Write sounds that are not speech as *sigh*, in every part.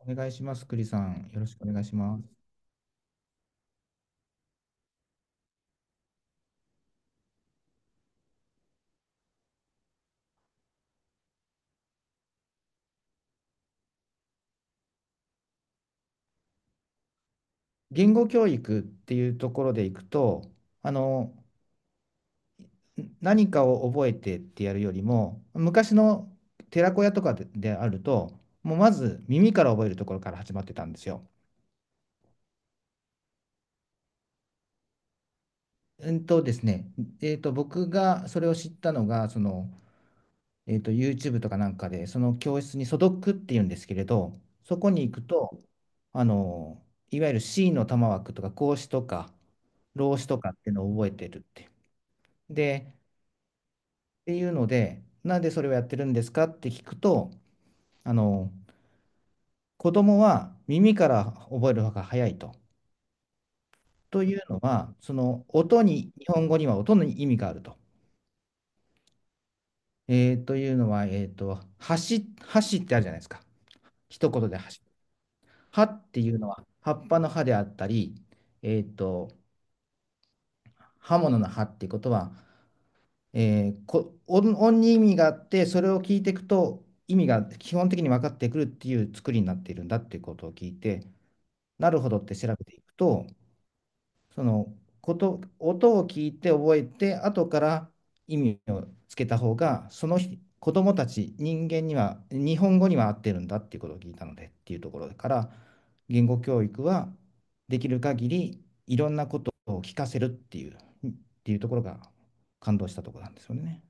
お願いします、栗さん。よろしくお願いします。言語教育っていうところでいくと、あの、何かを覚えてってやるよりも、昔の寺子屋とかで、であると、もうまず耳から覚えるところから始まってたんですよ。うんとですね、えーと、僕がそれを知ったのが、その、YouTube とかなんかで、その教室に素読っていうんですけれど、そこに行くと、あの、いわゆる C の玉枠とか、孔子とか、老子とかっていうのを覚えてるって。で、っていうので、なんでそれをやってるんですかって聞くと、あの、子供は耳から覚えるのが早いと。というのは、その音に、日本語には音に意味があると。というのは、橋ってあるじゃないですか。一言で橋。葉っていうのは葉っぱの葉であったり、えーと、刃物の葉っていうことは、えーこ、音、音に意味があって、それを聞いていくと意味が基本的に分かってくるっていう作りになっているんだっていうことを聞いて、なるほどって調べていくと、そのこと、音を聞いて覚えて、後から意味をつけた方が、その人子供たち、人間には、日本語には合ってるんだっていうことを聞いたのでっていうところから、言語教育はできる限りいろんなことを聞かせるっていう、ところが感動したところなんですよね。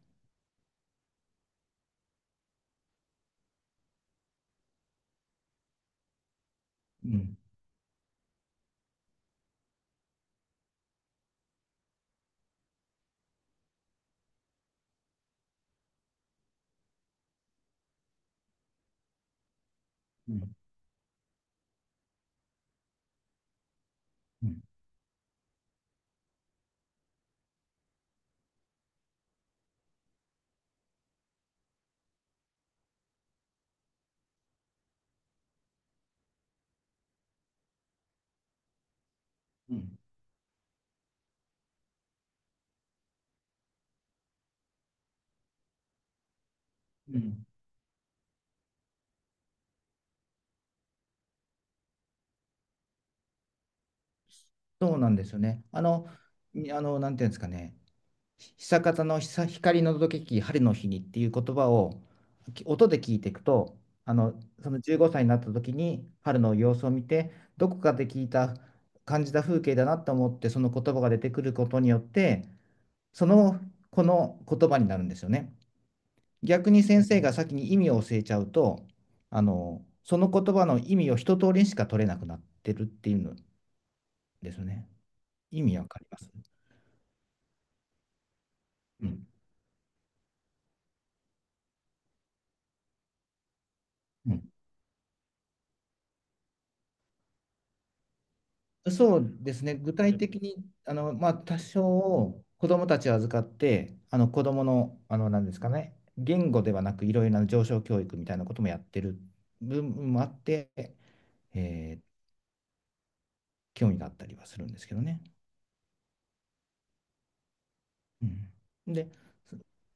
うん、うん、うん、うん、うん。そうなんですよね。あの、にあの、なんていうんですかね、久方の光の届けき春の日にっていう言葉を音で聞いていくと、あの、その15歳になった時に春の様子を見て、どこかで聞いた、感じた風景だなと思って、その言葉が出てくることによって、その、この言葉になるんですよね。逆に先生が先に意味を教えちゃうと、その言葉の意味を一通りしか取れなくなってるっていうのですね。意味わかります？うん、うん。そうですね、具体的に、まあ、多少子どもたちを預かって、あの子どもの、なんですかね、言語ではなく、いろいろな上昇教育みたいなこともやってる部分もあって、えー興味があったりはするんですけどね。うん、で、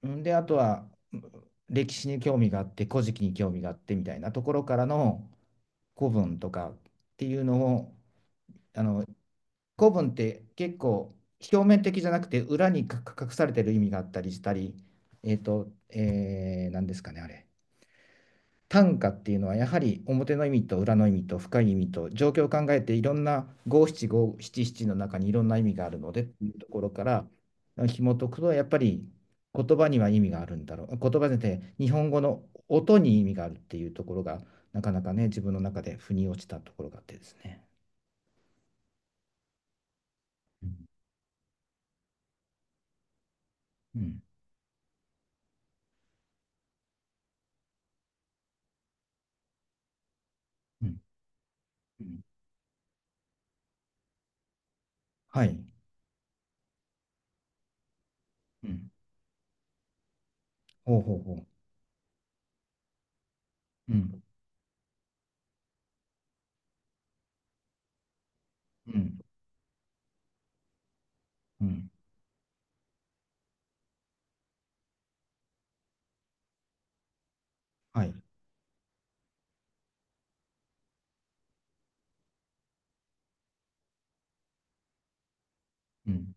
うんであとは、歴史に興味があって、古事記に興味があってみたいなところからの古文とかっていうのを、あの古文って結構表面的じゃなくて裏にか隠されてる意味があったりしたり、何ですかね、あれ。短歌っていうのはやはり表の意味と裏の意味と深い意味と状況を考えて、いろんな五七五七七の中にいろんな意味があるのでっていうところから紐解くと、やっぱり言葉には意味があるんだろう、言葉で日本語の音に意味があるっていうところが、なかなかね、自分の中で腑に落ちたところがあってですね。うん、うん、うん、はい、うん。ほうほうほう。うん。うん。うん。はい。うん。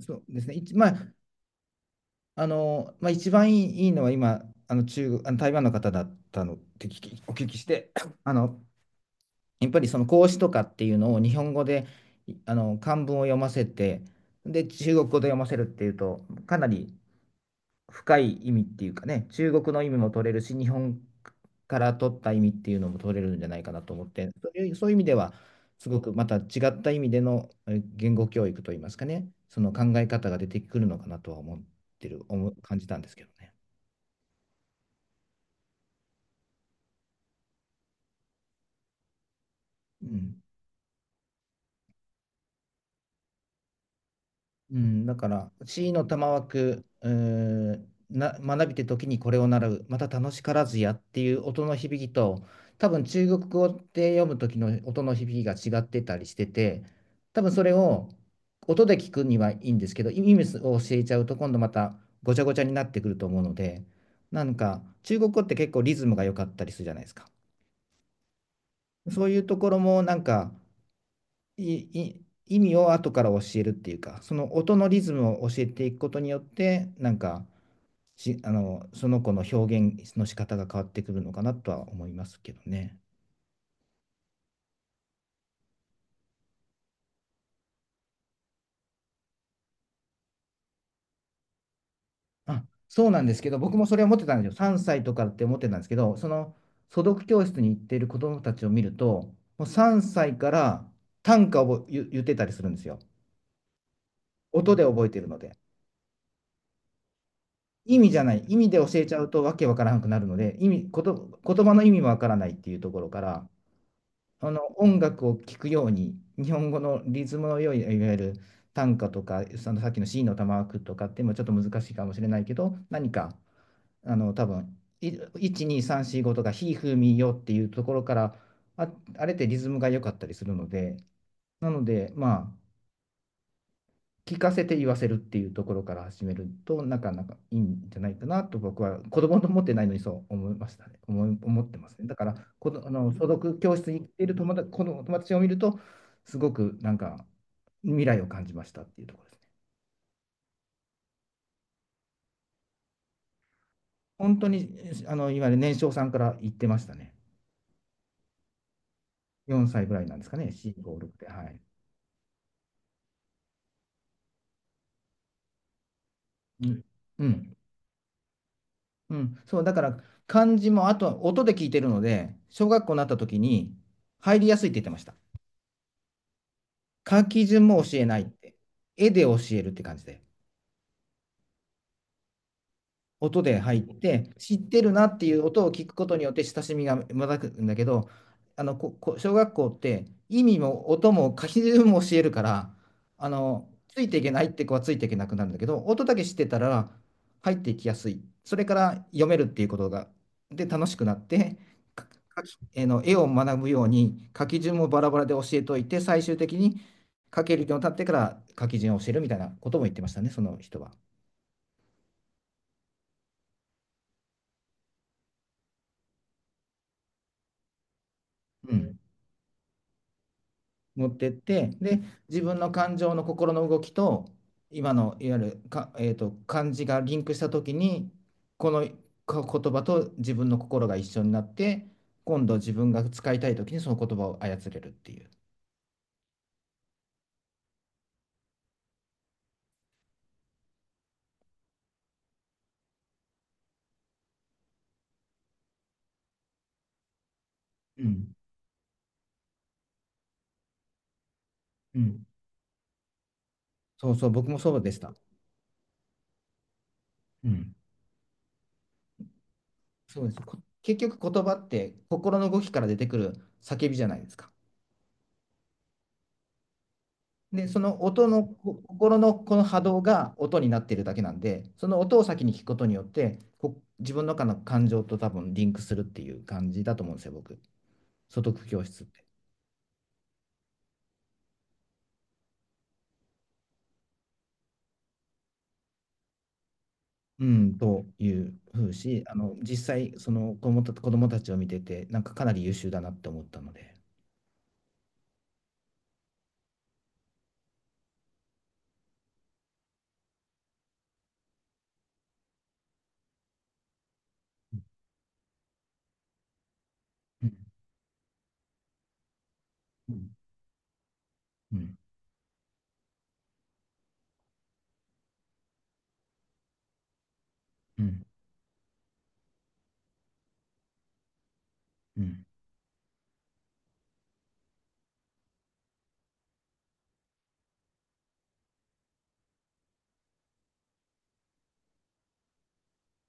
そうですね。まあ、一番いいのは今、あの中国、台湾の方だったのってお聞きして、*coughs* *clears throat* あの、やっぱりその孔子とかっていうのを日本語で、いあの、漢文を読ませて、で、中国語で読ませるっていうと、かなり深い意味っていうかね、中国の意味も取れるし、日本から取った意味っていうのも取れるんじゃないかなと思って、そういう意味では、すごくまた違った意味での言語教育といいますかね、その考え方が出てくるのかなとは思ってる、思う、感じたんですけどね。うん、うん、だから、C の玉枠、学びて時にこれを習う、また楽しからずやっていう音の響きと、多分中国語で読む時の音の響きが違ってたりしてて、多分それを音で聞くにはいいんですけど、意味を教えちゃうと今度またごちゃごちゃになってくると思うので、なんか中国語って結構リズムが良かったりするじゃないですか。そういうところもなんかいい、意味を後から教えるっていうか、その音のリズムを教えていくことによって、なんかし、あの、その子の表現の仕方が変わってくるのかなとは思いますけどね。あ、そうなんですけど、僕もそれは思ってたんですよ。3歳とかって思ってたんですけど、その素読教室に行っている子供たちを見ると、もう3歳から短歌を言ってたりするんですよ。音で覚えてるので。意味じゃない、意味で教えちゃうとわけわからなくなるので、意味、こと、言葉の意味もわからないっていうところから、あの音楽を聴くように、日本語のリズムの良い、いわゆる短歌とか、そのさっきの C の玉句とかってもちょっと難しいかもしれないけど、何か、多分1、2、3、4、5とか、ひ、ふ、み、よっていうところから、あ、あれってリズムが良かったりするので、で、まあ、聞かせて言わせるっていうところから始めると、なかなかいいんじゃないかなと、僕は子供と思ってないのにそう思いましたね。思ってますね。だから、この所属教室に行っているこの友達を見ると、すごくなんか未来を感じましたっていうところですね。本当にいわゆる年少さんから言ってましたね。4歳ぐらいなんですかね、4、5、6って。はい。うん。うん。うん、そう、だから漢字もあとは音で聞いてるので、小学校になった時に入りやすいって言ってました。書き順も教えないって。絵で教えるって感じで。音で入って、知ってるなっていう音を聞くことによって親しみがまくんだけど、ここ小学校って意味も音も書き順も教えるから、ついていけないって子はついていけなくなるんだけど、音だけ知ってたら入っていきやすい。それから読めるっていうことが、で楽しくなって、か書きえーの絵を学ぶように、書き順もバラバラで教えといて、最終的に書けるようになってから書き順を教えるみたいなことも言ってましたね、その人は。うん。持ってって、で、自分の感情の心の動きと、今のいわゆるか、えーと、漢字がリンクしたときに、この言葉と自分の心が一緒になって、今度自分が使いたいときにその言葉を操れるっていう。うん。うん。そうそう、僕もそうでした。うん。そうです。結局言葉って、心の動きから出てくる叫びじゃないですか。で、その音の、心のこの波動が音になっているだけなんで、その音を先に聞くことによって、自分の中の感情と多分リンクするっていう感じだと思うんですよ、僕。素読教室って。うん、というふうし、あの実際、その子供たちを見てて、なんかかなり優秀だなって思ったので。うん、うん、うん、うん、うん、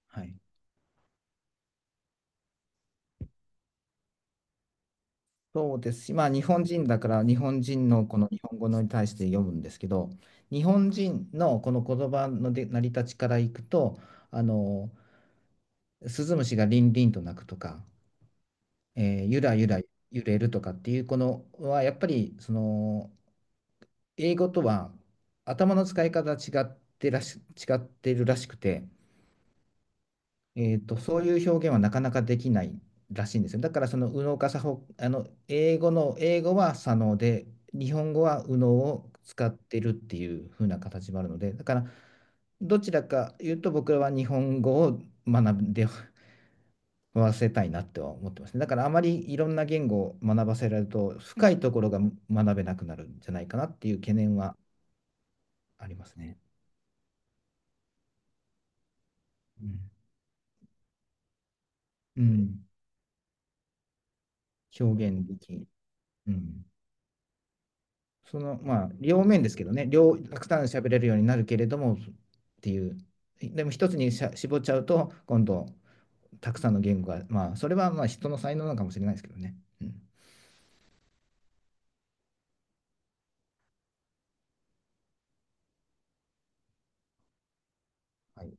はい。そうですし、まあ、日本人だから日本人のこの日本語に対して読むんですけど、日本人のこの言葉ので成り立ちからいくと、あのスズムシがリンリンと鳴くとか、ゆらゆら揺れるとかっていうこのはやっぱりその、英語とは頭の使い方が違ってるらしくて、そういう表現はなかなかできないらしいんですよ。だからその右脳か左脳、あの英語は左脳で、日本語は右脳を使ってるっていう風な形もあるので、だからどちらか言うと僕らは日本語を学んでわせたいなっては思ってますね。だからあまりいろんな言語を学ばせられると深いところが学べなくなるんじゃないかなっていう懸念はありますね。うん、うん、表現でき、うん、その、まあ、両面ですけどね、たくさん喋れるようになるけれどもっていう、でも一つに絞っちゃうと、今度、たくさんの言語が、まあ、それはまあ人の才能なのかもしれないですけどね。うん、はい、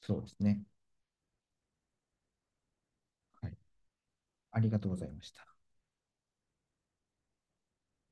そうですね。はい、ありがとうございました。